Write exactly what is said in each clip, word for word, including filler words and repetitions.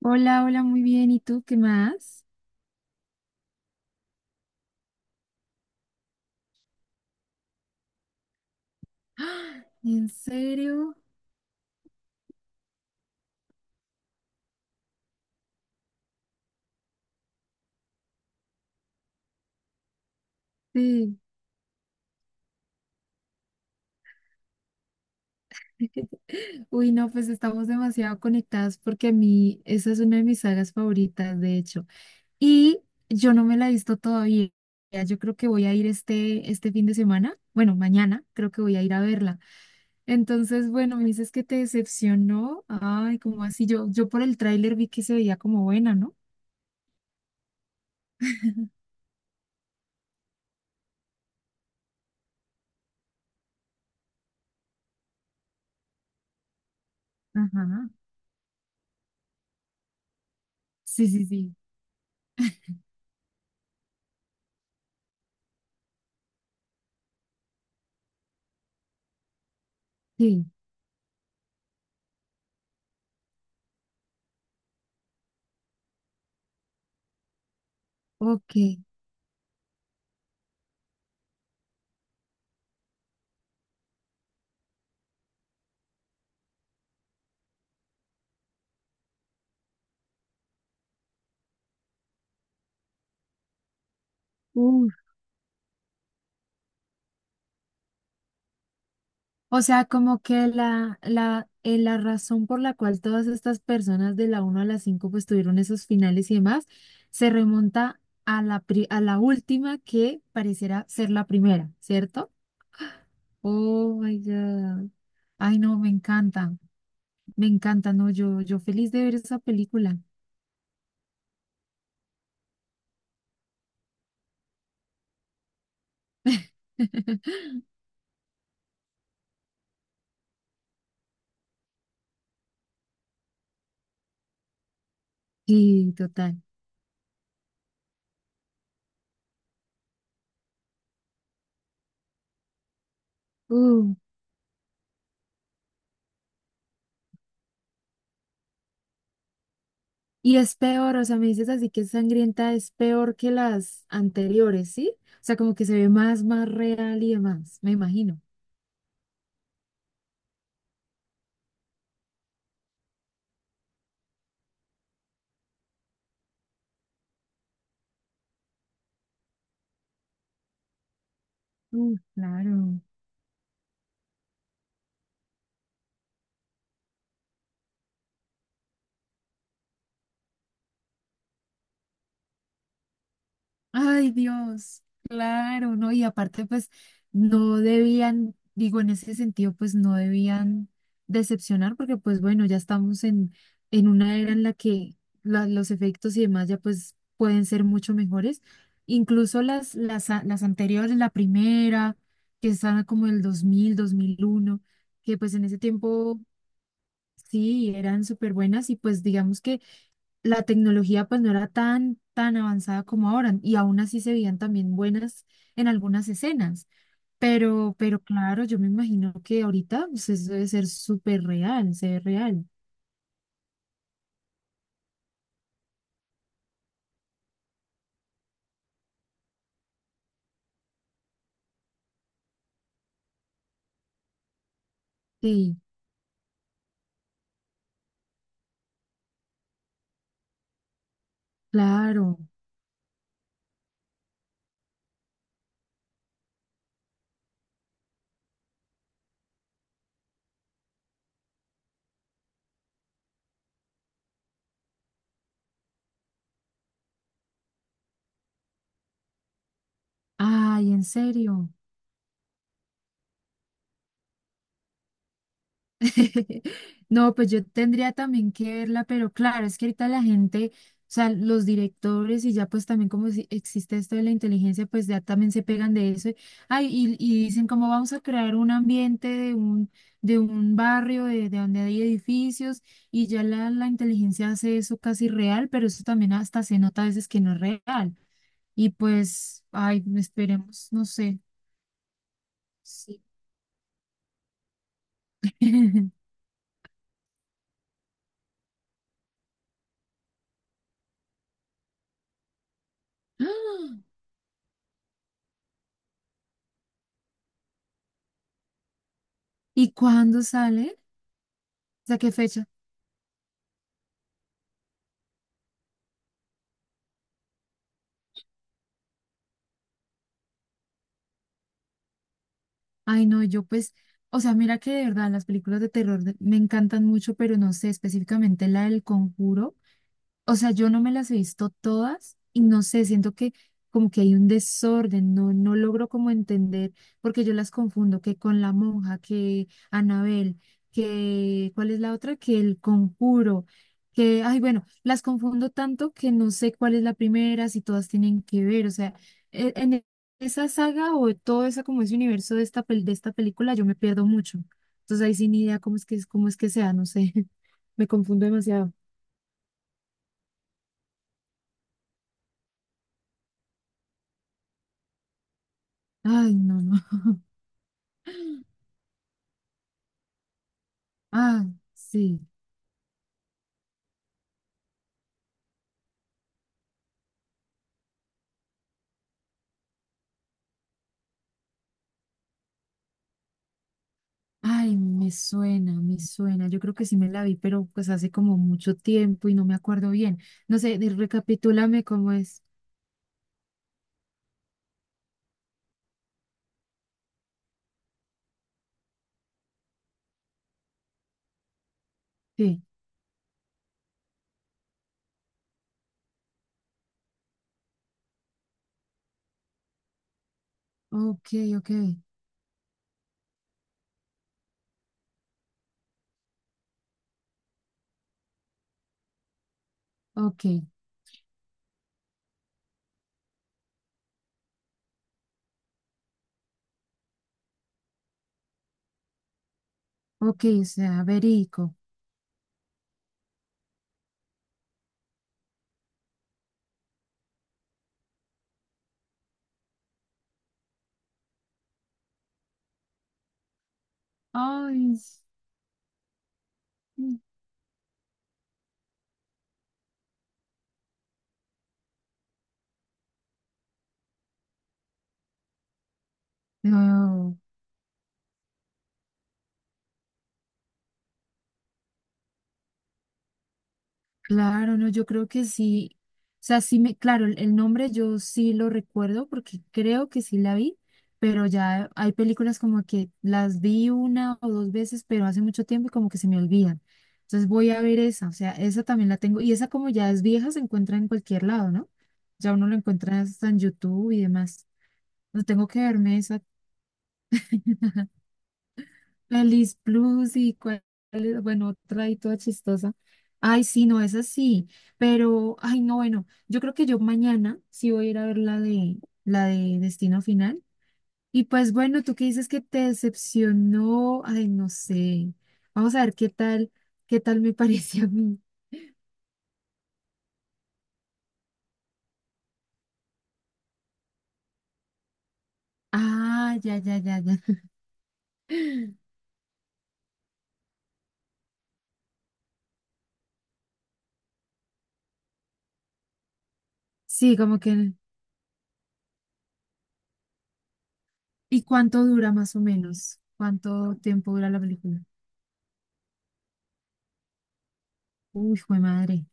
Hola, hola, muy bien. ¿Y tú qué más? ¡Ah! ¿En serio? Sí. Uy, no, pues estamos demasiado conectadas porque a mí esa es una de mis sagas favoritas, de hecho. Y yo no me la he visto todavía. Yo creo que voy a ir este, este fin de semana. Bueno, mañana creo que voy a ir a verla. Entonces, bueno, me dices que te decepcionó. Ay, ¿como así? Yo, yo por el tráiler vi que se veía como buena, ¿no? Ajá. Sí, sí, sí. Sí. Ok. O sea, como que la, la, eh, la razón por la cual todas estas personas de la uno a la cinco pues tuvieron esos finales y demás, se remonta a la, pri- a la última que pareciera ser la primera, ¿cierto? Oh my God. Ay, no, me encanta, me encanta, no, yo, yo feliz de ver esa película. Sí, total. Uh. Y es peor, o sea, me dices así que es sangrienta, es peor que las anteriores, ¿sí? O sea, como que se ve más, más real y demás, me imagino. Uh, claro. Ay, Dios, claro, ¿no? Y aparte, pues, no debían, digo, en ese sentido, pues, no debían decepcionar, porque, pues, bueno, ya estamos en, en una era en la que la- los efectos y demás ya, pues, pueden ser mucho mejores. Incluso las, las, a- las anteriores, la primera, que estaba como el dos dos mil dos mil uno, que, pues, en ese tiempo, sí, eran súper buenas y, pues, digamos que la tecnología pues no era tan, tan avanzada como ahora y aún así se veían también buenas en algunas escenas. Pero, pero claro, yo me imagino que ahorita pues, eso debe ser súper real, se ve real. Sí, claro. Ay, en serio. No, pues yo tendría también que verla, pero claro, es que ahorita la gente, o sea, los directores y ya pues también como si existe esto de la inteligencia, pues ya también se pegan de eso. Ay, y, y dicen cómo vamos a crear un ambiente de un, de un barrio, de, de donde hay edificios, y ya la, la inteligencia hace eso casi real, pero eso también hasta se nota a veces que no es real. Y pues, ay, esperemos, no sé. Sí. ¿Y cuándo sale? ¿O sea, qué fecha? Ay, no, yo pues, o sea, mira que de verdad las películas de terror de- me encantan mucho, pero no sé, específicamente la del Conjuro. O sea, yo no me las he visto todas y no sé, siento que como que hay un desorden, no, no logro como entender, porque yo las confundo, que con la monja, que Anabel, que ¿cuál es la otra? Que el conjuro, que, ay, bueno, las confundo tanto que no sé cuál es la primera, si todas tienen que ver, o sea, e- en e- esa saga o todo ese como ese universo de esta, pel- de esta película yo me pierdo mucho. Entonces ahí sin idea cómo es que, cómo es que sea, no sé, me confundo demasiado. Ay, no, no. Ah, sí. Ay, me suena, me suena. Yo creo que sí me la vi, pero pues hace como mucho tiempo y no me acuerdo bien. No sé, de- recapitúlame cómo es. Sí. Ok, ok, ok, ok, o sea, verico. Ay, sí. No. Claro, no, yo creo que sí. O sea, sí me, claro, el el nombre yo sí lo recuerdo porque creo que sí la vi, pero ya hay películas como que las vi una o dos veces, pero hace mucho tiempo y como que se me olvidan. Entonces voy a ver esa, o sea, esa también la tengo. Y esa como ya es vieja, se encuentra en cualquier lado, ¿no? Ya uno lo encuentra hasta en YouTube y demás. No tengo que verme esa. Alice Plus y cuál, es- bueno, otra ahí toda chistosa. Ay, sí, no, es así, pero, ay, no, bueno, yo creo que yo mañana sí voy a ir a ver la de, la de Destino Final. Y pues bueno, tú que dices que te decepcionó, ay, no sé. Vamos a ver qué tal, qué tal me parece a mí. Ah, ya, ya, ya, ya. Sí, como que, ¿y cuánto dura más o menos? ¿Cuánto tiempo dura la película? Uy, fue madre.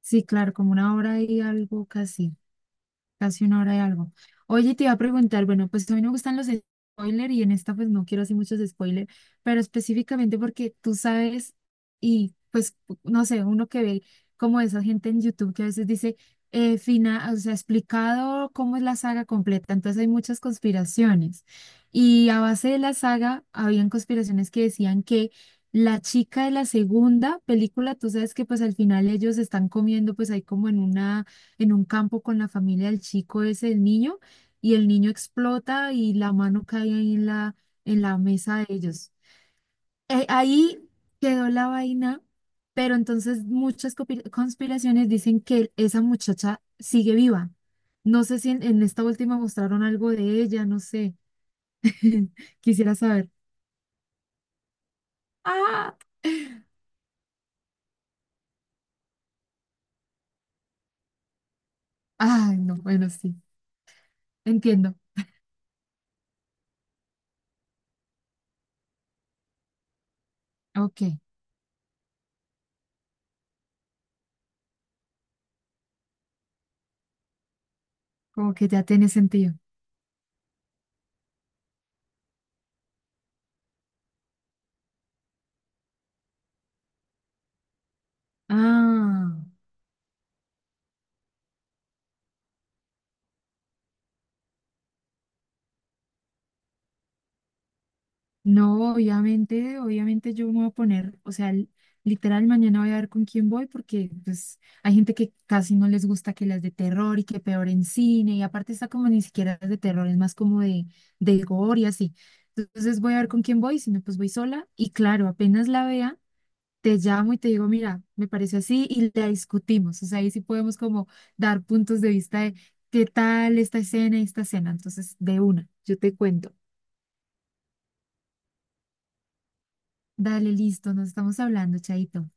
Sí, claro, como una hora y algo casi. Casi una hora de algo. Oye, te iba a preguntar, bueno, pues a mí no me gustan los spoilers y en esta pues no quiero hacer muchos spoilers, pero específicamente porque tú sabes y pues no sé, uno que ve como esa gente en YouTube que a veces dice, eh, fina, o sea, explicado cómo es la saga completa, entonces hay muchas conspiraciones. Y a base de la saga, habían conspiraciones que decían que la chica de la segunda película, tú sabes que pues al final ellos están comiendo pues ahí como en una en un campo con la familia del chico, es el niño, y el niño explota y la mano cae ahí en la, en la mesa de ellos. Eh, ahí quedó la vaina, pero entonces muchas copi- conspiraciones dicen que esa muchacha sigue viva. No sé si en, en esta última mostraron algo de ella, no sé. Quisiera saber. Ah, ay, no, bueno, sí, entiendo. Ok, como que ya tiene sentido. Ah. No, obviamente, obviamente yo me voy a poner, o sea, l- literal mañana voy a ver con quién voy porque pues hay gente que casi no les gusta que las de terror y que peor en cine y aparte está como ni siquiera es de terror, es más como de, de gore y así. Entonces voy a ver con quién voy, si no pues voy sola y claro, apenas la vea, te llamo y te digo, mira, me parece así y la discutimos, o sea, ahí sí podemos como dar puntos de vista de qué tal esta escena y esta escena, entonces de una, yo te cuento. Dale, listo, nos estamos hablando, Chaito.